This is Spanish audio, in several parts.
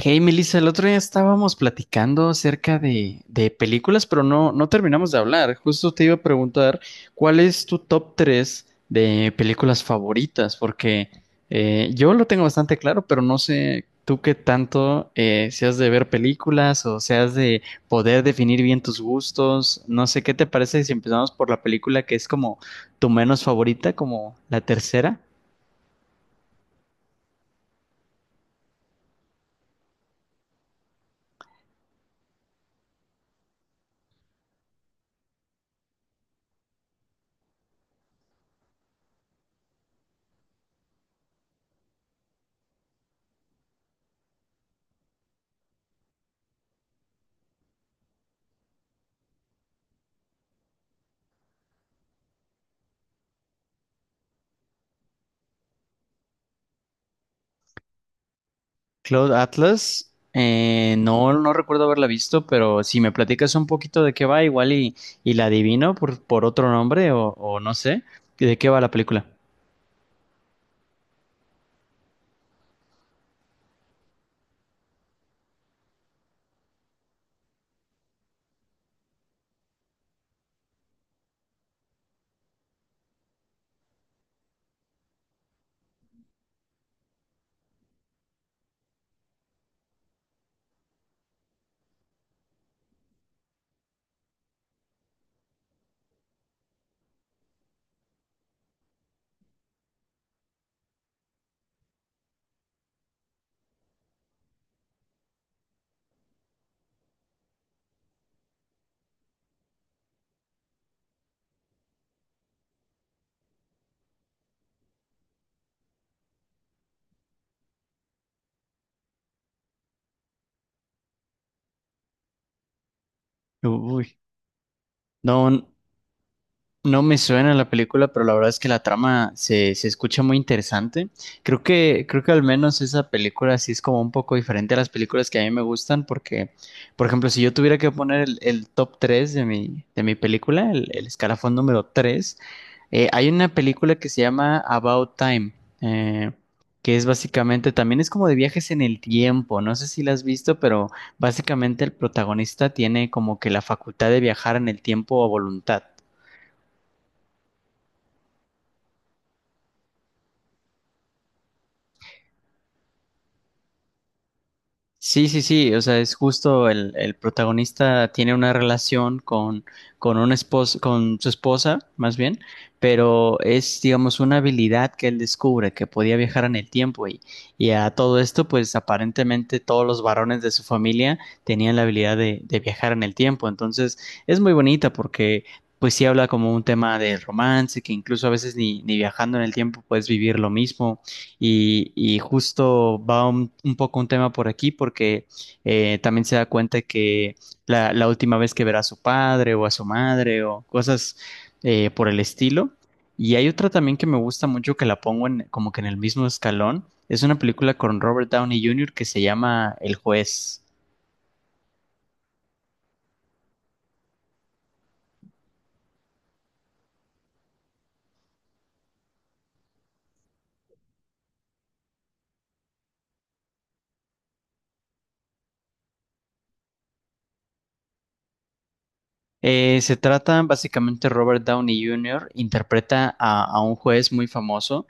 Hey Melissa, el otro día estábamos platicando acerca de películas, pero no terminamos de hablar. Justo te iba a preguntar cuál es tu top 3 de películas favoritas, porque yo lo tengo bastante claro, pero no sé tú qué tanto seas de ver películas o seas de poder definir bien tus gustos. No sé qué te parece si empezamos por la película que es como tu menos favorita, como la tercera. Cloud Atlas, no, no recuerdo haberla visto, pero si me platicas un poquito de qué va, y la adivino por otro nombre o no sé, ¿de qué va la película? Uy, no, no me suena la película, pero la verdad es que la trama se escucha muy interesante. Creo que al menos esa película sí es como un poco diferente a las películas que a mí me gustan, porque, por ejemplo, si yo tuviera que poner el top 3 de de mi película, el escalafón número 3, hay una película que se llama About Time, eh, que es básicamente, también es como de viajes en el tiempo, no sé si la has visto, pero básicamente el protagonista tiene como que la facultad de viajar en el tiempo a voluntad. Sí, sí, sí, o sea, es justo el protagonista tiene una relación con, con su esposa, más bien, pero es, digamos, una habilidad que él descubre, que podía viajar en el tiempo y a todo esto, pues aparentemente todos los varones de su familia tenían la habilidad de viajar en el tiempo, entonces es muy bonita porque, pues sí habla como un tema de romance, que incluso a veces ni viajando en el tiempo puedes vivir lo mismo. Y justo va un poco un tema por aquí porque también se da cuenta que la última vez que verá a su padre o a su madre o cosas por el estilo. Y hay otra también que me gusta mucho que la pongo en, como que en el mismo escalón. Es una película con Robert Downey Jr. que se llama El Juez. Se trata básicamente Robert Downey Jr. interpreta a un juez muy famoso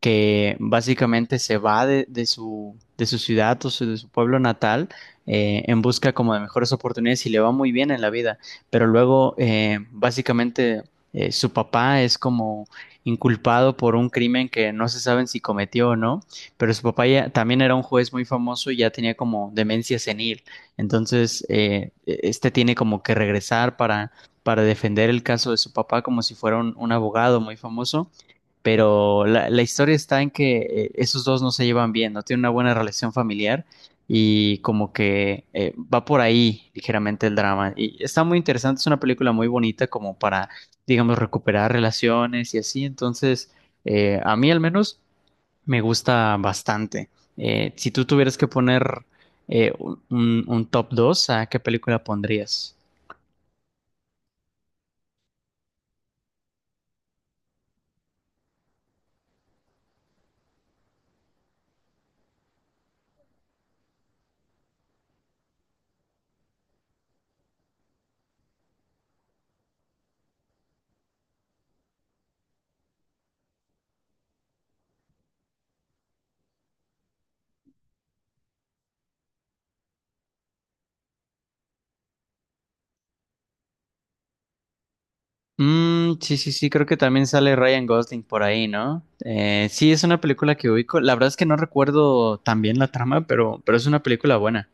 que básicamente se va de, de su ciudad o de su pueblo natal en busca como de mejores oportunidades y le va muy bien en la vida. Pero luego básicamente su papá es como inculpado por un crimen que no se saben si cometió o no, pero su papá ya, también era un juez muy famoso y ya tenía como demencia senil. Entonces, este tiene como que regresar para defender el caso de su papá como si fuera un abogado muy famoso, pero la historia está en que esos dos no se llevan bien, no tienen una buena relación familiar y como que va por ahí ligeramente el drama. Y está muy interesante, es una película muy bonita como para, digamos, recuperar relaciones y así. Entonces, a mí al menos me gusta bastante. Si tú tuvieras que poner un top 2, ¿a qué película pondrías? Mm, sí, sí, sí, creo que también sale Ryan Gosling por ahí, ¿no? Sí, es una película que ubico. La verdad es que no recuerdo tan bien la trama, pero es una película buena.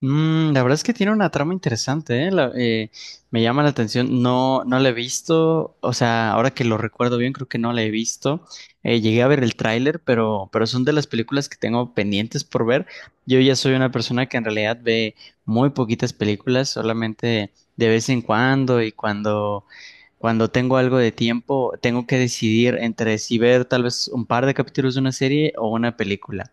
Mm, la verdad es que tiene una trama interesante, ¿eh? Me llama la atención. No, no la he visto. O sea, ahora que lo recuerdo bien, creo que no la he visto. Llegué a ver el tráiler, pero son de las películas que tengo pendientes por ver. Yo ya soy una persona que en realidad ve muy poquitas películas, solamente de vez en cuando y cuando cuando tengo algo de tiempo, tengo que decidir entre si ver tal vez un par de capítulos de una serie o una película.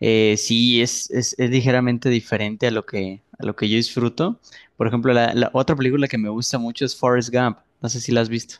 Sí, es ligeramente diferente a lo que yo disfruto. Por ejemplo, la otra película que me gusta mucho es Forrest Gump. No sé si la has visto.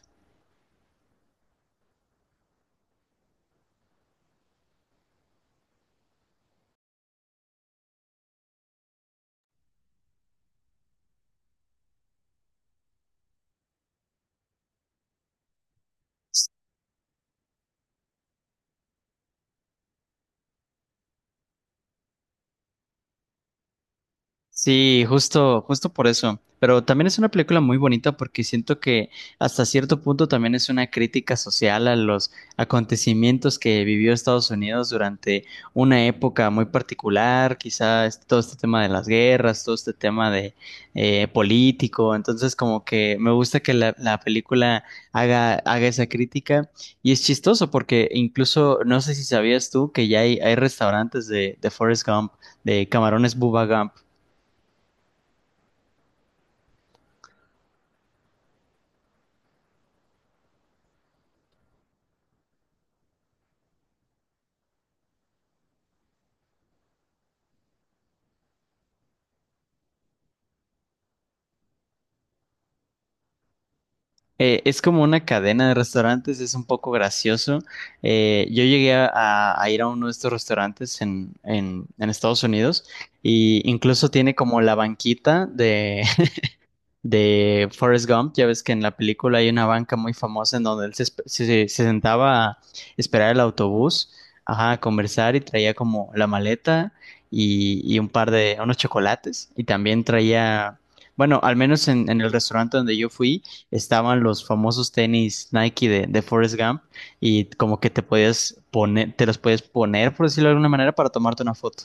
Sí, justo, justo por eso. Pero también es una película muy bonita porque siento que hasta cierto punto también es una crítica social a los acontecimientos que vivió Estados Unidos durante una época muy particular, quizás todo este tema de las guerras, todo este tema de político. Entonces, como que me gusta que la película haga esa crítica. Y es chistoso porque incluso, no sé si sabías tú que ya hay restaurantes de Forrest Gump, de camarones Bubba Gump. Es como una cadena de restaurantes, es un poco gracioso. Yo llegué a ir a uno de estos restaurantes en, en Estados Unidos y incluso tiene como la banquita de Forrest Gump. Ya ves que en la película hay una banca muy famosa en donde él se, se sentaba a esperar el autobús, ajá, a conversar y traía como la maleta y un par de, unos chocolates. Y también traía, bueno, al menos en el restaurante donde yo fui, estaban los famosos tenis Nike de Forrest Gump y como que te podías poner, te los podías poner, por decirlo de alguna manera, para tomarte una foto.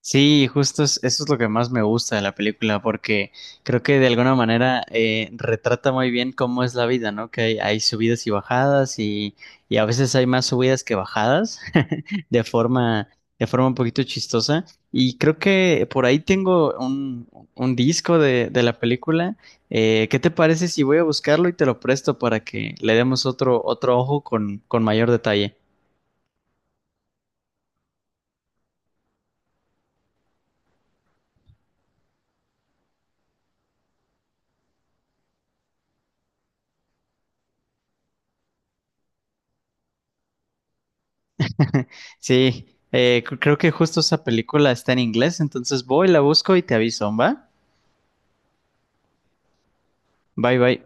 Sí, justo eso es lo que más me gusta de la película, porque creo que de alguna manera retrata muy bien cómo es la vida, ¿no? Que hay subidas y bajadas y a veces hay más subidas que bajadas, de forma, de forma un poquito chistosa. Y creo que por ahí tengo un disco de la película. ¿Qué te parece si voy a buscarlo y te lo presto para que le demos otro, otro ojo con mayor detalle? Sí, creo que justo esa película está en inglés, entonces voy, la busco y te aviso, ¿va? Bye bye.